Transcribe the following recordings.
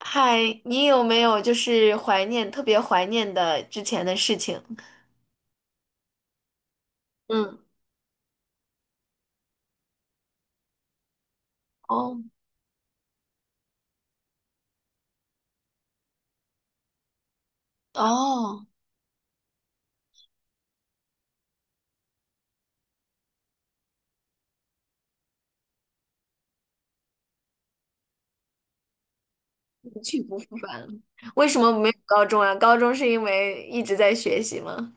嗨，你有没有就是怀念，特别怀念的之前的事情？嗯，哦哦，一去不复返了。为什么没有高中啊？高中是因为一直在学习吗？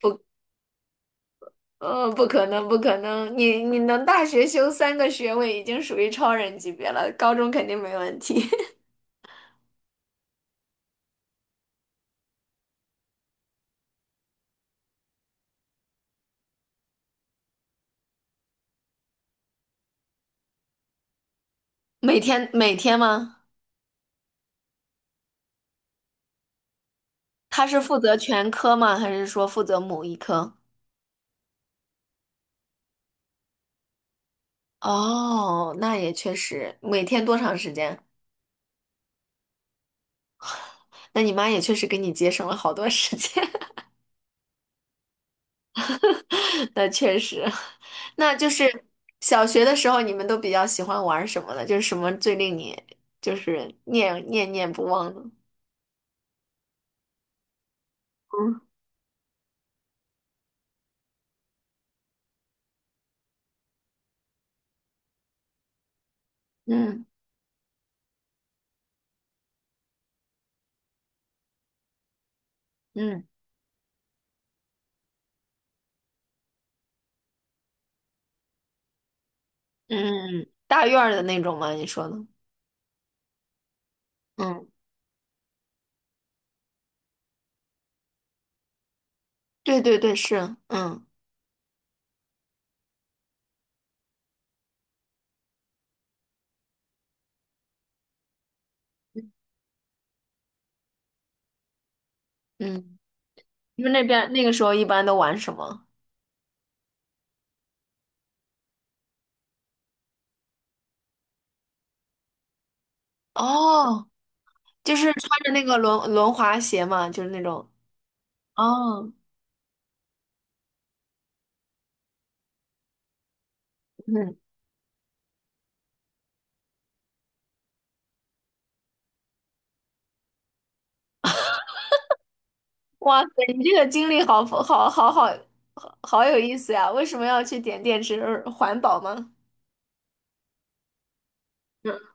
不，不可能，不可能，你能大学修三个学位已经属于超人级别了，高中肯定没问题。每天每天吗？他是负责全科吗？还是说负责某一科？哦，那也确实，每天多长时间？那你妈也确实给你节省了好多时间，那确实，那就是小学的时候你们都比较喜欢玩什么呢？就是什么最令你就是念念不忘呢？嗯嗯嗯嗯嗯，大院儿的那种吗？你说呢？嗯，对对对，是，嗯嗯，你们那边那个时候一般都玩什么？哦，就是穿着那个轮滑鞋嘛，就是那种。哦，嗯。哇塞，你这个经历好好好好好好有意思呀！为什么要去点电池？环保吗？嗯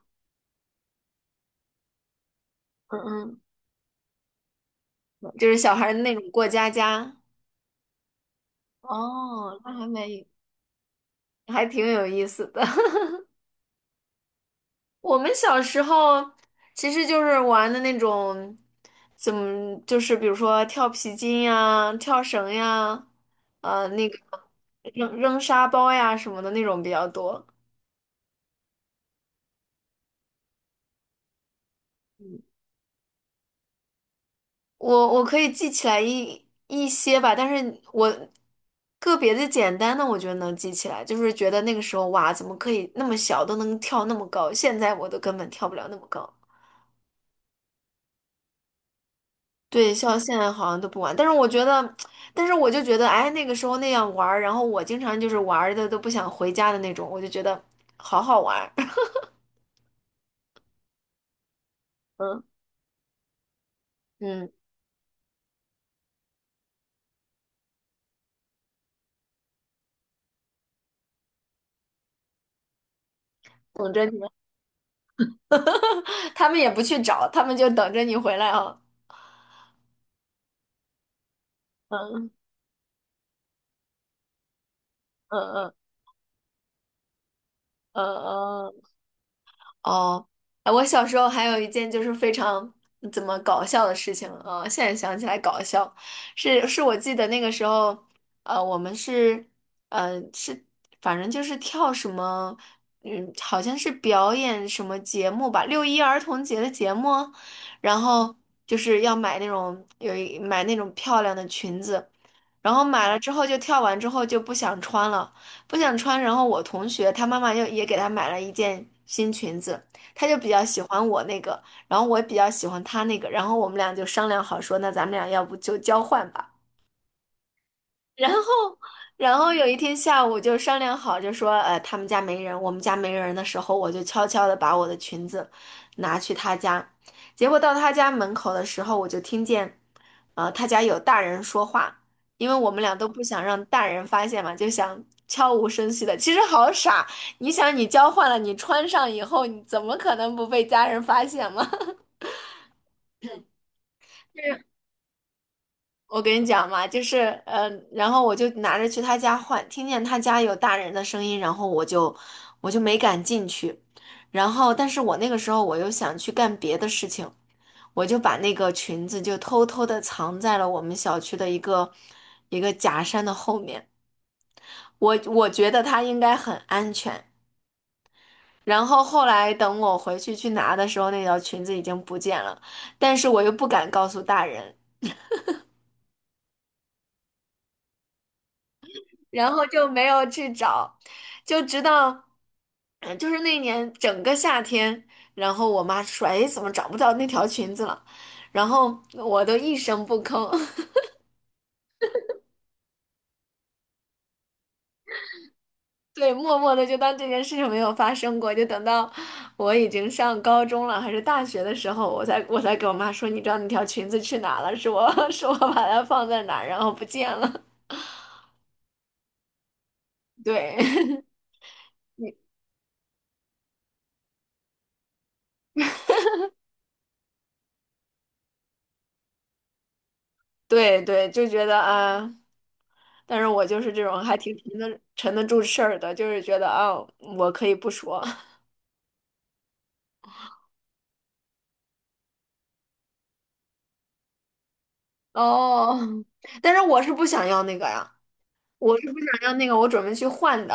嗯嗯，就是小孩儿的那种过家家。哦，那还没，还挺有意思的。我们小时候其实就是玩的那种，怎么就是比如说跳皮筋呀、跳绳呀，那个扔沙包呀什么的那种比较多。我可以记起来一些吧，但是我个别的简单的，我觉得能记起来，就是觉得那个时候哇，怎么可以那么小都能跳那么高？现在我都根本跳不了那么高。对，像现在好像都不玩，但是我就觉得，哎，那个时候那样玩儿然后我经常就是玩的都不想回家的那种，我就觉得好好玩儿 嗯嗯，等着你们，他们也不去找，他们就等着你回来啊。嗯嗯嗯嗯嗯。哦，哎我小时候还有一件就是非常怎么搞笑的事情啊，现在想起来搞笑，是我记得那个时候，我们是，是反正就是跳什么，嗯，好像是表演什么节目吧，六一儿童节的节目，然后就是要买那种买那种漂亮的裙子，然后买了之后就跳完之后就不想穿了。不想穿。然后我同学她妈妈也给她买了一件新裙子，她就比较喜欢我那个，然后我也比较喜欢她那个，然后我们俩就商量好说，那咱们俩要不就交换吧。然后，然后有一天下午就商量好，就说，他们家没人，我们家没人的时候，我就悄悄的把我的裙子拿去他家。结果到他家门口的时候，我就听见，他家有大人说话，因为我们俩都不想让大人发现嘛，就想悄无声息的。其实好傻，你想你交换了，你穿上以后，你怎么可能不被家人发现嘛？我跟你讲嘛，就是然后我就拿着去他家换，听见他家有大人的声音，然后我就没敢进去，然后但是我那个时候我又想去干别的事情，我就把那个裙子就偷偷的藏在了我们小区的一个假山的后面，我觉得它应该很安全。然后后来等我回去去拿的时候，那条裙子已经不见了，但是我又不敢告诉大人，然后就没有去找，就直到，嗯，就是那年整个夏天，然后我妈说：“哎，怎么找不到那条裙子了？”然后我都一声不吭，对，默默的就当这件事情没有发生过，就等到我已经上高中了还是大学的时候，我才给我妈说：“你知道那条裙子去哪了？是我 是我把它放在哪儿，然后不见了。对。对对，就觉得啊，但是我就是这种还挺沉得住事儿的，就是觉得啊，我可以不说 哦，但是我是不想要那个呀，我是不想要那个，我准备去换的。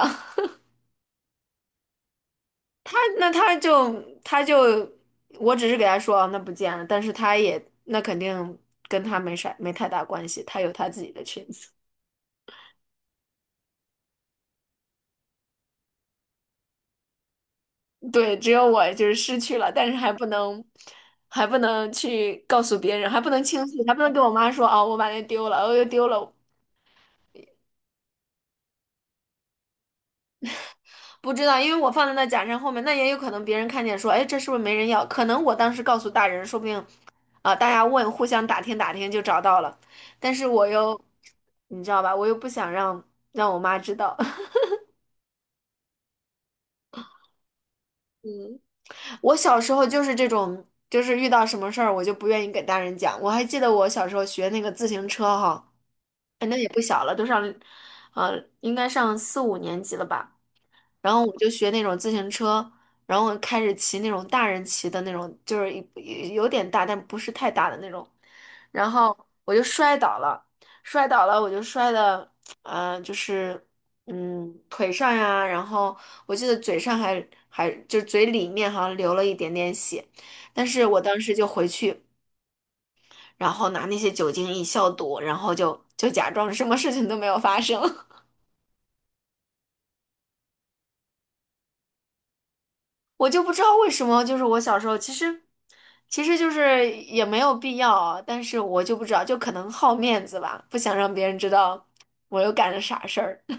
他那他就他就，我只是给他说啊那不见了，但是他也那肯定跟他没太大关系，他有他自己的裙子。对，只有我就是失去了，但是还不能，还不能去告诉别人，还不能倾诉，还不能跟我妈说啊，我把那丢了，我又丢了，不知道，因为我放在那假山后面，那也有可能别人看见说，哎，这是不是没人要？可能我当时告诉大人，说不定，啊、大家问，互相打听打听就找到了。但是我又，你知道吧，我又不想让我妈知道。我小时候就是这种，就是遇到什么事儿，我就不愿意给大人讲。我还记得我小时候学那个自行车哈，哎，那也不小了，都上，应该上四五年级了吧。然后我就学那种自行车，然后开始骑那种大人骑的那种，就是一有点大，但不是太大的那种。然后我就摔倒了，摔倒了，我就摔的，就是腿上呀，然后我记得嘴上还就是嘴里面好像流了一点点血，但是我当时就回去，然后拿那些酒精一消毒，然后就假装什么事情都没有发生。我就不知道为什么，就是我小时候其实，就是也没有必要啊，但是我就不知道，就可能好面子吧，不想让别人知道我又干了啥事儿。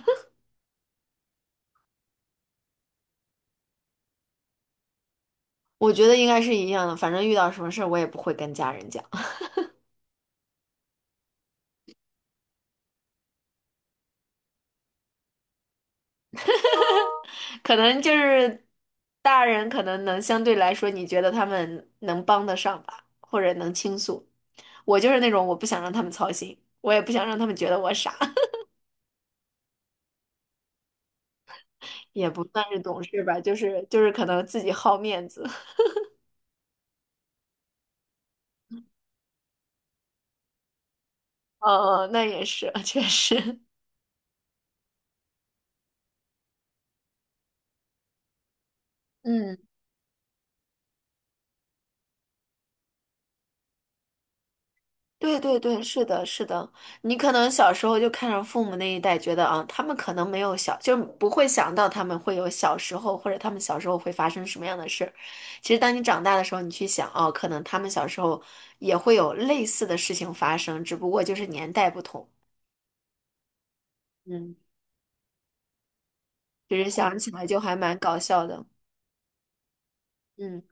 我觉得应该是一样的，反正遇到什么事儿我也不会跟家人讲，可能就是大人可能能相对来说，你觉得他们能帮得上吧，或者能倾诉。我就是那种我不想让他们操心，我也不想让他们觉得我傻，也不算是懂事吧，就是可能自己好面子。哦，那也是，确实，嗯，对对对，是的，是的。你可能小时候就看上父母那一代，觉得啊，他们可能没有小，就不会想到他们会有小时候，或者他们小时候会发生什么样的事儿。其实，当你长大的时候，你去想，哦，可能他们小时候也会有类似的事情发生，只不过就是年代不同。嗯，就是哦想起来就还蛮搞笑的。嗯。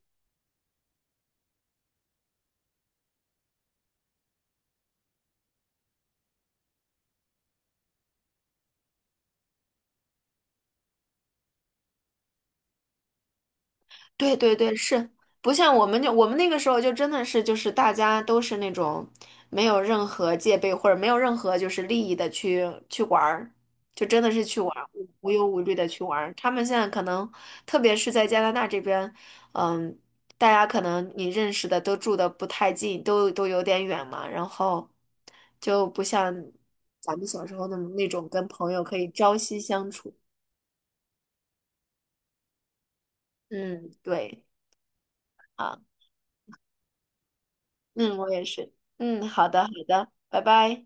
对对对，是不像我们那个时候就真的是就是大家都是那种没有任何戒备或者没有任何就是利益的去玩儿，就真的是去玩儿，无忧无虑的去玩儿。他们现在可能特别是在加拿大这边，嗯，大家可能你认识的都住的不太近，都有点远嘛，然后就不像咱们小时候那种跟朋友可以朝夕相处。嗯，对。啊。嗯，我也是。嗯，好的，好的，拜拜。